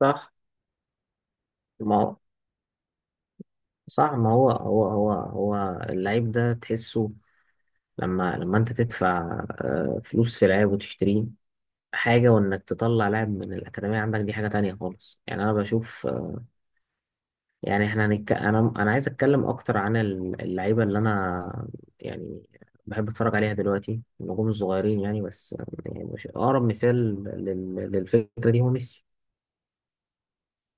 صح ما هو صح ما هو هو هو هو اللعيب ده تحسه. لما انت تدفع فلوس في لعيب وتشتريه حاجة، وانك تطلع لاعب من الأكاديمية عندك دي حاجة تانية خالص. يعني انا بشوف يعني احنا انا عايز اتكلم اكتر عن اللعيبة اللي انا يعني بحب اتفرج عليها دلوقتي، النجوم الصغيرين يعني. بس يعني اقرب مثال للفكرة دي هو ميسي.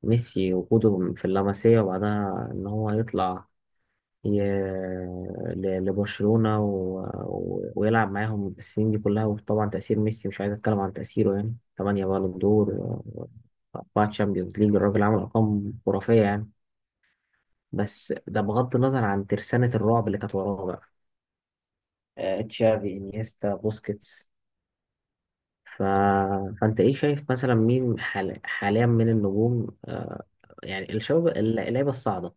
ميسي وجوده في اللمسية وبعدها ان هو يطلع ي- لبرشلونة ويلعب معاهم السنين دي كلها. وطبعا تأثير ميسي مش عايز أتكلم عن تأثيره، يعني 8 بالون دور و4 تشامبيونز ليج. الراجل عمل أرقام خرافية يعني، بس ده بغض النظر عن ترسانة الرعب اللي كانت وراه بقى، تشافي إنيستا بوسكيتس. ف... فأنت إيه شايف مثلا مين حاليا من النجوم، يعني الشباب اللعيبة الصاعدة؟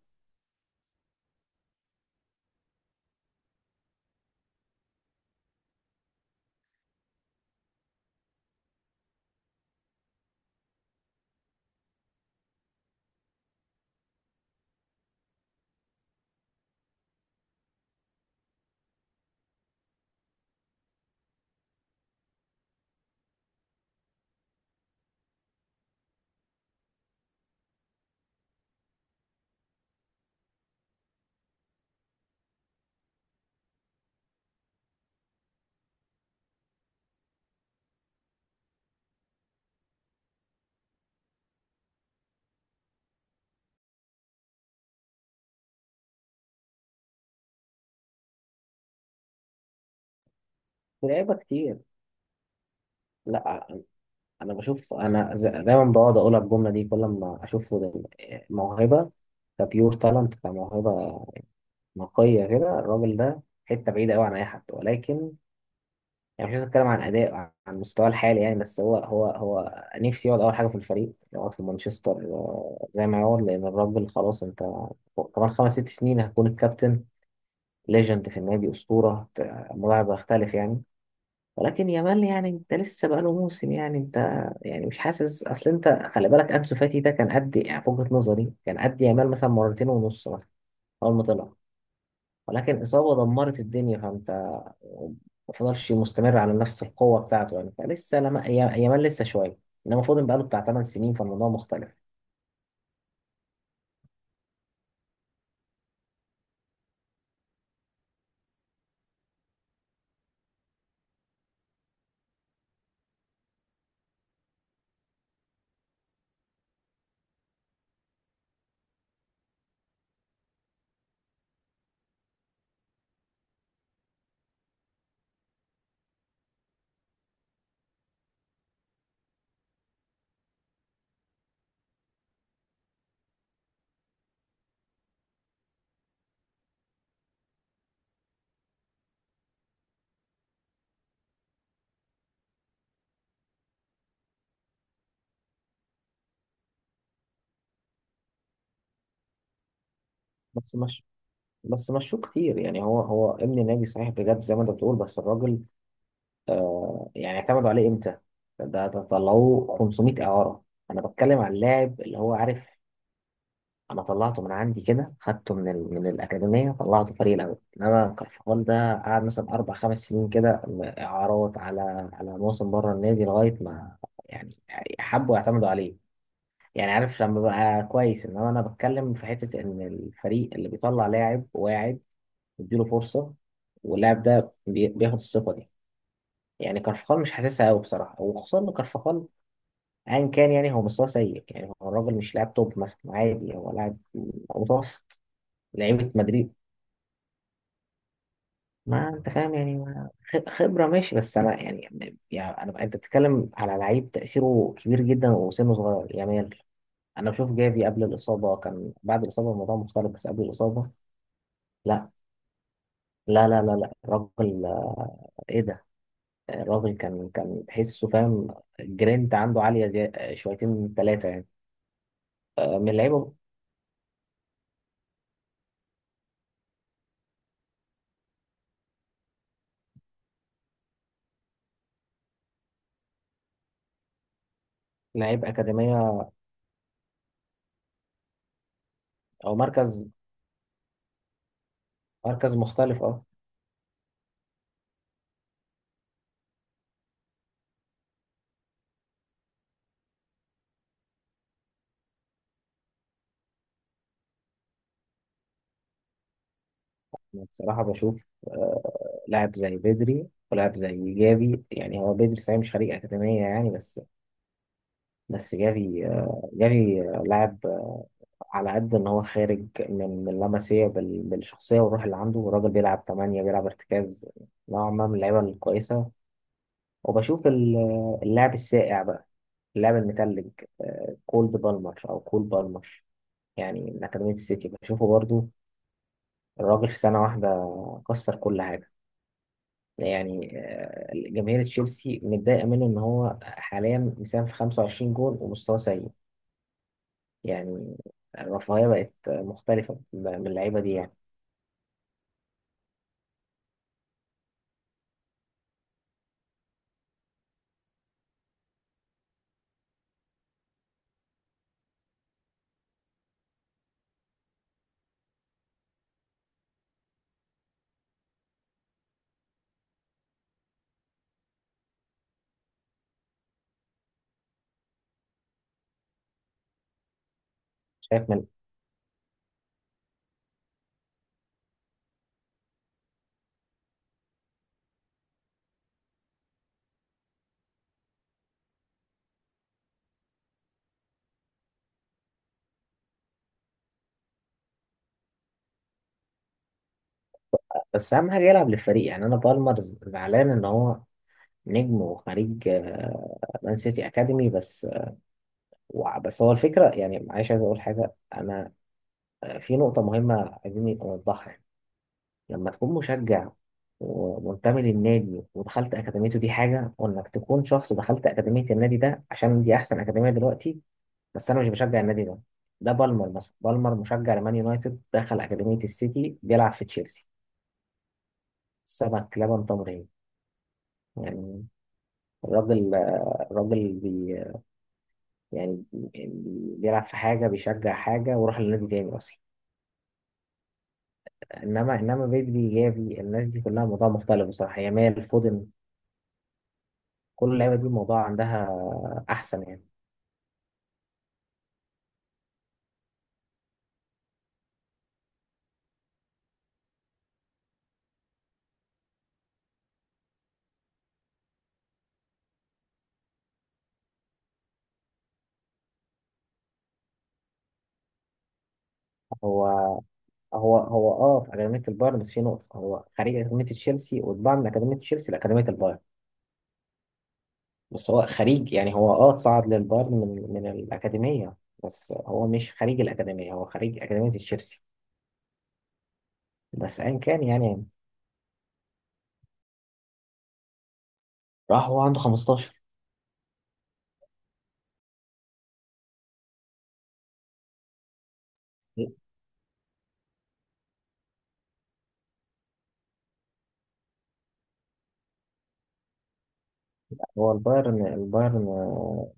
لعيبه كتير. لا، انا بشوف، انا دايما بقعد اقول الجمله دي كل ما اشوف موهبه، كبيور تالنت، كموهبه نقيه كده. الراجل ده حته بعيده قوي عن اي حد، ولكن يعني مش عايز اتكلم عن اداء، عن مستواه الحالي يعني. بس هو نفسي يقعد اول حاجه في الفريق، يقعد في مانشستر زي ما يقعد، لان الراجل خلاص انت كمان خمس ست سنين هكون الكابتن، ليجند في النادي، اسطوره الموضوع هيختلف يعني. ولكن يامال يعني انت لسه بقى له موسم يعني، انت يعني مش حاسس اصل انت. خلي بالك انسو فاتي ده كان قد يعني في وجهة نظري كان قد يامال مثلا مرتين ونص مثلا اول ما طلع، ولكن اصابه دمرت الدنيا فانت ما فضلش مستمر على نفس القوه بتاعته. يعني فلسه لما يامال لسه شويه، انما فودن بقى له بتاع 8 سنين فالموضوع مختلف. بس مش بس مشوه كتير يعني. هو ابن نادي صحيح بجد زي ما انت بتقول، بس الراجل آه، يعني اعتمدوا عليه امتى؟ ده طلعوه 500 اعاره. انا بتكلم عن اللاعب اللي هو عارف انا طلعته من عندي كده، خدته من من الاكاديميه طلعته فريق الاول. انما كارفخال ده قعد مثلا اربع خمس سنين كده اعارات، على موسم بره النادي لغايه ما يعني حبوا يعتمدوا عليه. يعني عارف لما بقى كويس، انما انا بتكلم في حته ان الفريق اللي بيطلع لاعب واعد يديله فرصه، واللاعب ده بياخد الثقه دي. يعني كارفخال مش حاسسها قوي بصراحه، وخصوصا ان كارفخال ايا كان يعني هو مستواه سيء، يعني هو الراجل مش لاعب توب مثلا، عادي هو لاعب متوسط. لعيبه مدريد، ما انت فاهم يعني، خبره ماشي، بس انا يعني، يعني انت بتتكلم على لعيب تاثيره كبير جدا وسنه صغير، يامال. انا بشوف جافي قبل الاصابه كان، بعد الاصابه الموضوع مختلف، بس قبل الاصابه لا، لا الراجل آه، ايه ده، آه، الراجل كان تحسه فاهم، الجرينت عنده عاليه زي آه، شويتين ثلاثه يعني. آه، من اللعيبه، لعيب أكاديمية. أو مركز، مختلف أه. أنا بصراحة بشوف لاعب زي بدري ولاعب زي جافي. يعني هو بدري صحيح مش خريج أكاديمية يعني، بس جافي آه، جافي آه، لاعب آه، على قد إن هو خارج من لاماسيا بالشخصية والروح اللي عنده، الراجل بيلعب تمانية بيلعب ارتكاز، نوعا ما من اللعيبة الكويسة. وبشوف آه، اللاعب الساقع بقى، اللاعب المتلج، آه، كولد بالمر أو كول بالمر، يعني من أكاديمية السيتي بشوفه برضو. الراجل في سنة واحدة كسر كل حاجة. يعني آه، جماهير تشيلسي متضايقة منه إن هو حاليا مساهم في 25 جول ومستواه سيء يعني. الرفاهية بقت مختلفة من اللعيبة دي يعني. شايف من. بس أهم حاجة يلعب للفريق. يعني أنا بالمر زعلان إن هو نجم وخريج آه، مان سيتي أكاديمي بس، بس هو الفكرة يعني، معلش عايز أقول حاجة أنا آه، في نقطة مهمة عايزين نوضحها. لما تكون مشجع ومنتمي للنادي ودخلت أكاديميته دي حاجة، وإنك تكون شخص دخلت أكاديمية النادي ده عشان دي أحسن أكاديمية دلوقتي بس أنا مش بشجع النادي ده. ده بالمر مثلا، بالمر مشجع لمان يونايتد، دخل أكاديمية السيتي، بيلعب في تشيلسي، سمك لبن تمر هندي يعني. الراجل، الراجل بي يعني بي- بيلعب في حاجة بيشجع حاجة وراح لنادي تاني أصلا. إنما بيدري، جافي، الناس دي كلها موضوع مختلف بصراحة. يامال، فودن، كل اللعيبه دي الموضوع عندها احسن يعني. هو هو اه في اكاديميه البايرن، بس في نقطه هو خريج اكاديميه تشيلسي، واتباع من اكاديميه تشيلسي لاكاديميه البايرن. بس هو خريج يعني، هو اه صعد للبايرن من الاكاديميه، بس هو مش خريج الاكاديميه، هو خريج اكاديميه تشيلسي. بس ايا كان يعني. راح هو عنده 15. هو البايرن، البايرن آه،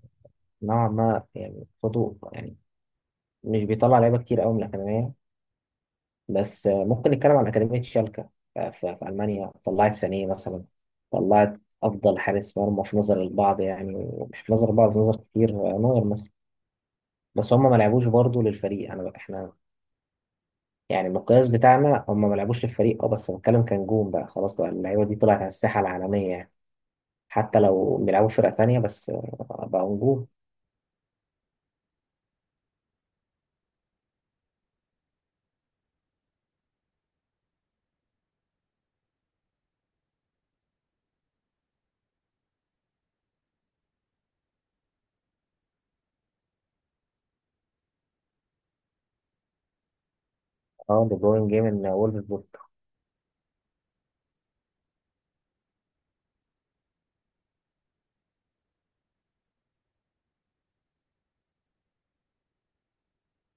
نوعا ما يعني، خدوا يعني مش بيطلع لعيبه كتير قوي من الاكاديميه. بس آه، ممكن نتكلم عن أكاديمية شالكة آه، في ألمانيا طلعت سانيه مثلا، طلعت أفضل حارس مرمى في نظر البعض يعني، مش في نظر البعض، في نظر كتير، آه، نوير مثلا. بس هم ما لعبوش برضه للفريق. أنا إحنا يعني المقياس بتاعنا هم ما لعبوش للفريق، أه، بس بتكلم كنجوم بقى خلاص، بقى اللعيبة دي طلعت على الساحة العالمية يعني، حتى لو بيلعبوا فرقة تانية، بس آه، بقوا نجوم. أه دي بروين جه من وولفسبورغ.